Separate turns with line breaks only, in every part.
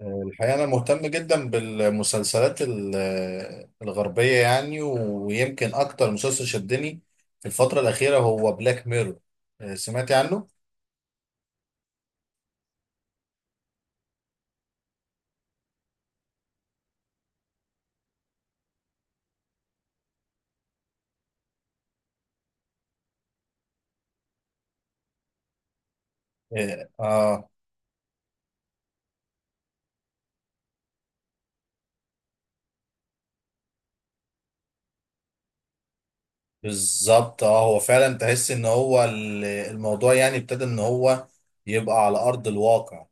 الحقيقة أنا مهتم جدا بالمسلسلات الغربية، يعني. ويمكن أكتر مسلسل شدني في الفترة الأخيرة هو بلاك ميرور. سمعتي عنه؟ آه، آه، بالظبط. آه، هو فعلا تحس إن هو الموضوع، يعني، ابتدى إن هو يبقى على أرض الواقع.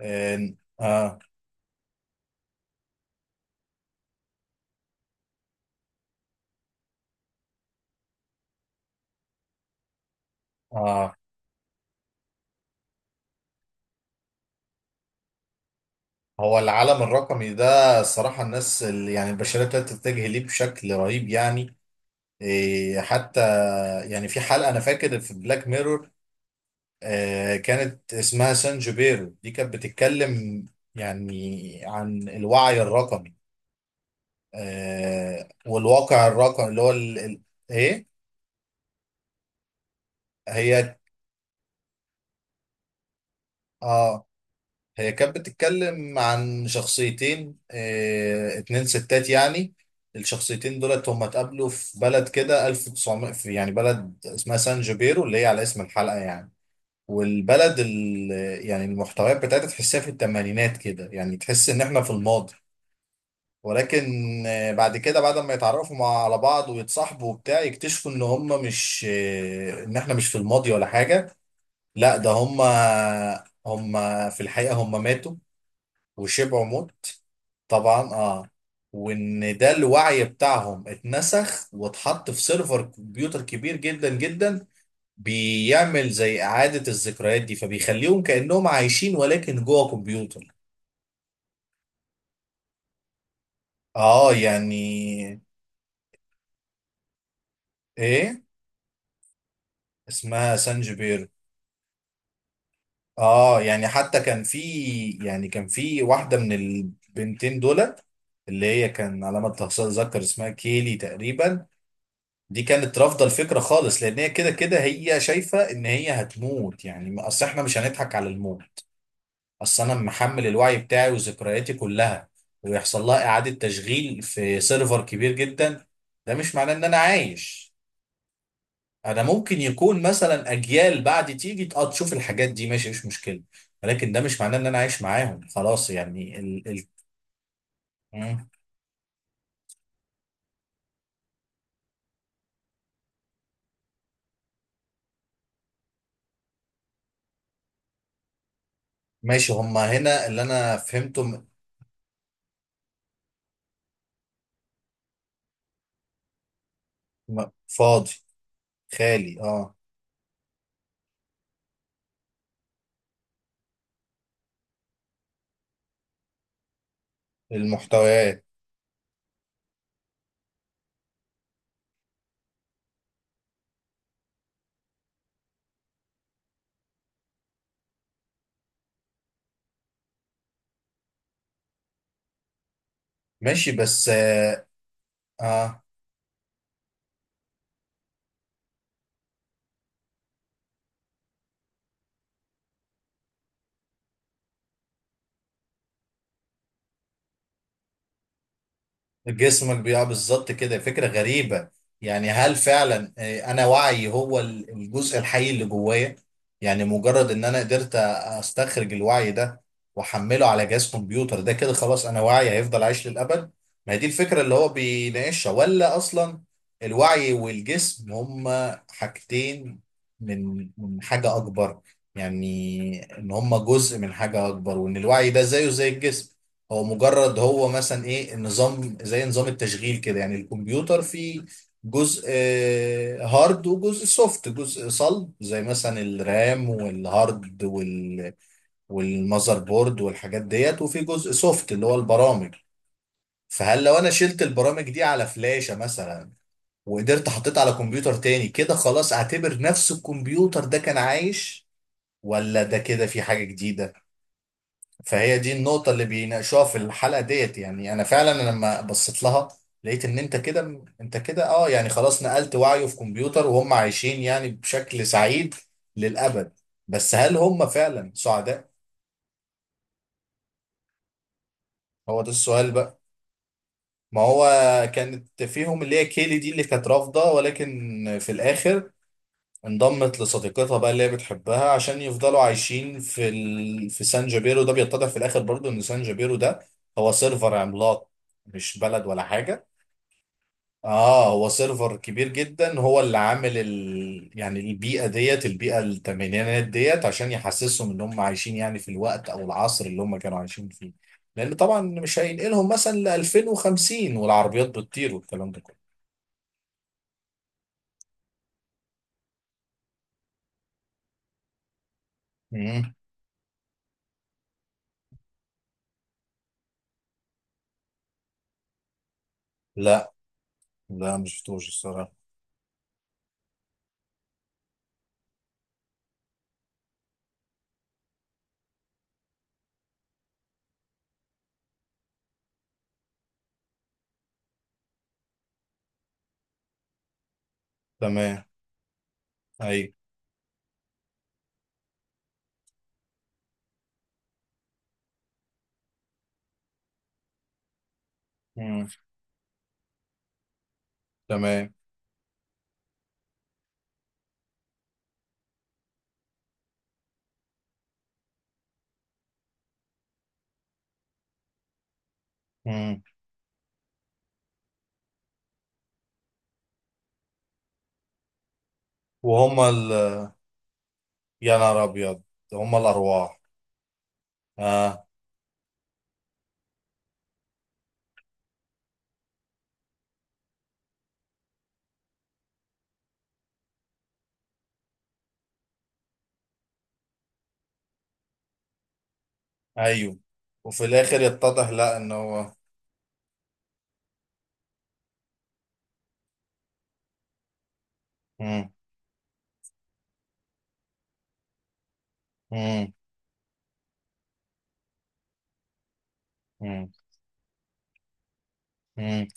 آه، آه، آه، هو العالم الرقمي ده الصراحة الناس اللي، يعني، البشرية ابتدت تتجه ليه بشكل رهيب، يعني. آه، حتى، يعني، في حلقة أنا فاكر في بلاك ميرور، آه، كانت اسمها سان جوبيرو، دي كانت بتتكلم يعني عن الوعي الرقمي، آه، والواقع الرقمي اللي هو ايه، هي اه هي كانت بتتكلم عن شخصيتين، اتنين ستات، يعني. الشخصيتين دولت هم اتقابلوا في بلد كده 1900، في يعني بلد اسمها سان جوبيرو، اللي هي على اسم الحلقة يعني. والبلد يعني المحتويات بتاعتها تحسها في الثمانينات، كده يعني، تحس ان احنا في الماضي. ولكن بعد كده، بعد ما يتعرفوا مع على بعض ويتصاحبوا وبتاع، يكتشفوا ان هم مش، ان احنا مش في الماضي ولا حاجة. لا، ده هم، هم في الحقيقة هم ماتوا وشبعوا موت. طبعا. اه وان ده الوعي بتاعهم اتنسخ واتحط في سيرفر كمبيوتر كبير جدا جدا، بيعمل زي إعادة الذكريات دي، فبيخليهم كأنهم عايشين ولكن جوه كمبيوتر. اه، يعني، ايه، اسمها سانجبير. اه، يعني، حتى كان في، يعني، كان في واحدة من البنتين دولت، اللي هي كان على ما اتذكر اسمها كيلي تقريبا. دي كانت رافضة الفكرة خالص، لان هي كده كده هي شايفة ان هي هتموت، يعني. اصل احنا مش هنضحك على الموت. اصل انا محمل الوعي بتاعي وذكرياتي كلها، ويحصل لها اعادة تشغيل في سيرفر كبير جدا، ده مش معناه ان انا عايش. انا ممكن يكون مثلا اجيال بعد تيجي، اه، تشوف الحاجات دي، ماشي، مش مشكله. ولكن ده مش معناه ان انا عايش معاهم خلاص، يعني مم. ماشي، هما هنا اللي انا فهمته فاضي، خالي. اه، المحتويات. ماشي، بس، اه. آه. جسمك بيقع بالظبط، كده فكرة غريبة. يعني، هل فعلا، آه، انا وعي هو الجزء الحي اللي جوايا؟ يعني مجرد ان انا قدرت استخرج الوعي ده واحمله على جهاز كمبيوتر، ده كده خلاص انا وعي هيفضل عايش للابد. ما هي دي الفكرة اللي هو بيناقشها، ولا اصلا الوعي والجسم هما حاجتين من حاجة اكبر؟ يعني ان هما جزء من حاجة اكبر، وان الوعي ده زيه زي الجسم. هو مجرد، هو مثلا، ايه، النظام زي نظام التشغيل كده، يعني الكمبيوتر فيه جزء، هارد وجزء سوفت، جزء صلب زي مثلا الرام والهارد وال والمذر بورد والحاجات ديت، وفي جزء سوفت اللي هو البرامج. فهل لو انا شلت البرامج دي على فلاشة مثلا وقدرت حطيت على كمبيوتر تاني، كده خلاص اعتبر نفس الكمبيوتر ده كان عايش، ولا ده كده في حاجة جديدة؟ فهي دي النقطة اللي بيناقشوها في الحلقة ديت، يعني. أنا فعلا أنا لما بصيت لها لقيت إن أنت كده أنت كده، أه، يعني، خلاص نقلت وعيه في كمبيوتر وهم عايشين يعني بشكل سعيد للأبد. بس هل هم فعلا سعداء؟ هو ده السؤال بقى. ما هو كانت فيهم اللي هي كيلي دي اللي كانت رافضة، ولكن في الآخر انضمت لصديقتها بقى اللي هي بتحبها عشان يفضلوا عايشين في في سان جابيرو. ده بيتضح في الآخر برضو إن سان جابيرو ده هو سيرفر عملاق، مش بلد ولا حاجة. اه، هو سيرفر كبير جدا، هو اللي عامل يعني البيئه ديت، البيئه الثمانينات ديت، عشان يحسسهم ان هم عايشين يعني في الوقت او العصر اللي هم كانوا عايشين فيه. لان طبعا مش هينقلهم مثلا ل 2050 والعربيات بتطير والكلام ده كله. مم. لا، لا، مش شفتوش الصراحه. تمام. اي. مم. تمام. مم. وهم يا نهار ابيض، هم الارواح. اه. ايوه. وفي الاخر يتضح لا ان هو، مم. مم. مم. مم.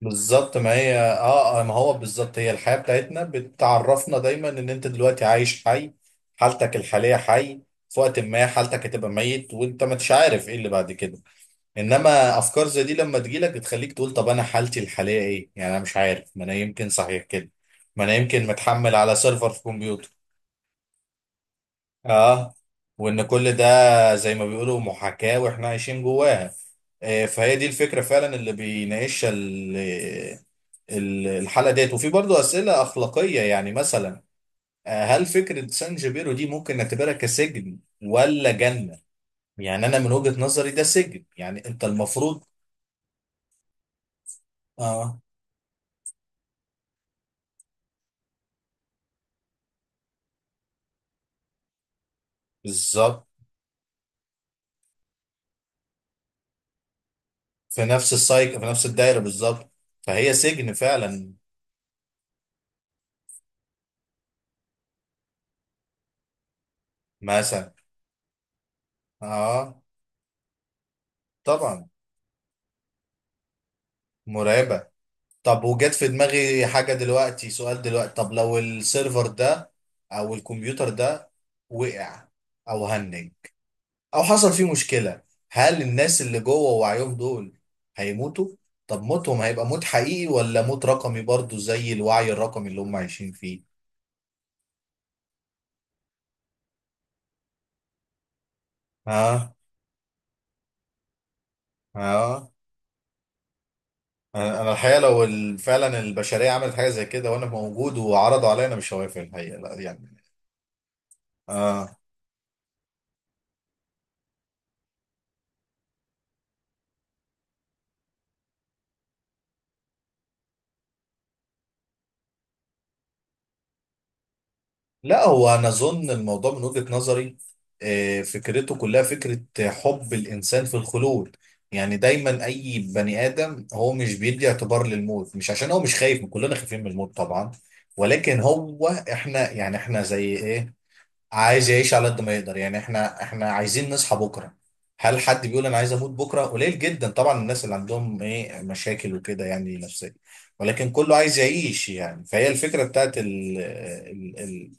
بالظبط. ما هي، اه، آه، ما هو بالظبط، هي الحياة بتاعتنا بتعرفنا دايما ان انت دلوقتي عايش، حي. حالتك الحالية حي. في وقت ما حالتك هتبقى ميت وانت ما انتش عارف ايه اللي بعد كده. انما افكار زي دي لما تجيلك بتخليك تقول طب انا حالتي الحالية ايه، يعني انا مش عارف، ما انا يمكن صحيح كده. ما انا يمكن متحمل على سيرفر في كمبيوتر. اه. وان كل ده، زي ما بيقولوا، محاكاة واحنا عايشين جواها. آه، فهي دي الفكرة فعلا اللي بيناقشها. الحالة ديت. وفي برضه أسئلة أخلاقية، يعني مثلا، آه، هل فكرة سان جيبيرو دي ممكن نعتبرها كسجن ولا جنة؟ يعني أنا من وجهة نظري ده سجن. يعني أنت المفروض. آه، بالظبط. في نفس السايك، في نفس الدايرة، بالظبط. فهي سجن فعلا. مثلا. آه. طبعا. مرعبة. طب، وجت في دماغي حاجة دلوقتي، سؤال دلوقتي: طب لو السيرفر ده أو الكمبيوتر ده وقع أو هنج او حصل فيه مشكله، هل الناس اللي جوه وعيهم دول هيموتوا؟ طب موتهم هيبقى موت حقيقي ولا موت رقمي برضو زي الوعي الرقمي اللي هم عايشين فيه؟ ها. ها. أنا الحقيقه لو فعلا البشريه عملت حاجه زي كده وانا موجود وعرضوا عليا، انا مش هوافق الحقيقه، لا، يعني. اه. لا، هو انا اظن الموضوع من وجهة نظري، آه، فكرته كلها فكرة حب الانسان في الخلود. يعني دايما اي بني ادم هو مش بيدي اعتبار للموت، مش عشان هو مش خايف، كلنا خايفين من الموت طبعا. ولكن هو احنا، يعني، احنا زي ايه، عايز يعيش على قد ما يقدر. يعني احنا عايزين نصحى بكرة. هل حد بيقول انا عايز اموت بكرة؟ قليل جدا طبعا، الناس اللي عندهم ايه مشاكل وكده، يعني نفسية. ولكن كله عايز يعيش، يعني، فهي الفكرة بتاعت ال.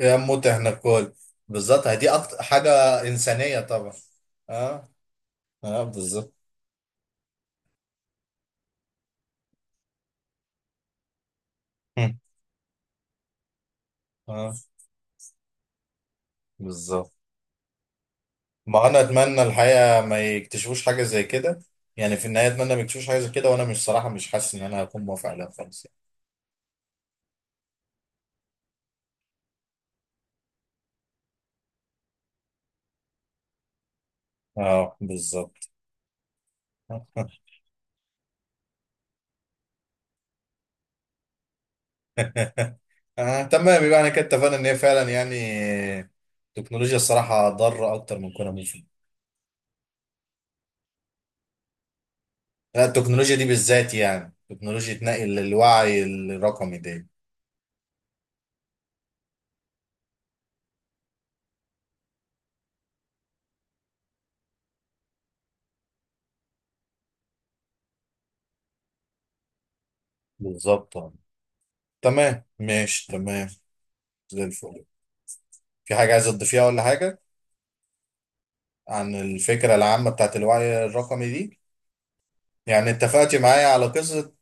يا موت احنا الكل. بالظبط، هي دي اكتر حاجه انسانيه طبعا. اه. اه، بالظبط. هم. اه، بالظبط. ما انا اتمنى الحقيقه ما يكتشفوش حاجه زي كده. يعني في النهايه اتمنى ما يكتشفوش حاجه زي كده، وانا مش صراحه مش حاسس ان انا هكون موافق عليها خالص يعني. اه، بالظبط. آه، تمام. يبقى انا كده اتفقنا ان هي فعلا، يعني، التكنولوجيا الصراحه ضاره اكتر من كونها مفيده. لا، التكنولوجيا دي بالذات، يعني تكنولوجيا نقل الوعي الرقمي دي. بالظبط. تمام، ماشي، تمام، زي الفل. في حاجة عايز تضيفيها ولا حاجة، عن الفكرة العامة بتاعت الوعي الرقمي دي؟ يعني اتفقتي معايا على قصة.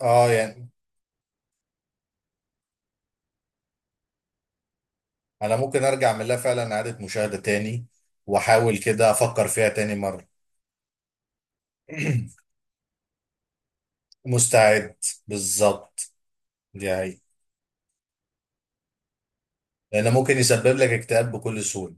اه، يعني، انا ممكن ارجع من لها فعلا اعادة مشاهدة تاني واحاول كده افكر فيها تاني مرة. مستعد. بالظبط. دي هي. لان ممكن يسبب لك اكتئاب بكل سهولة.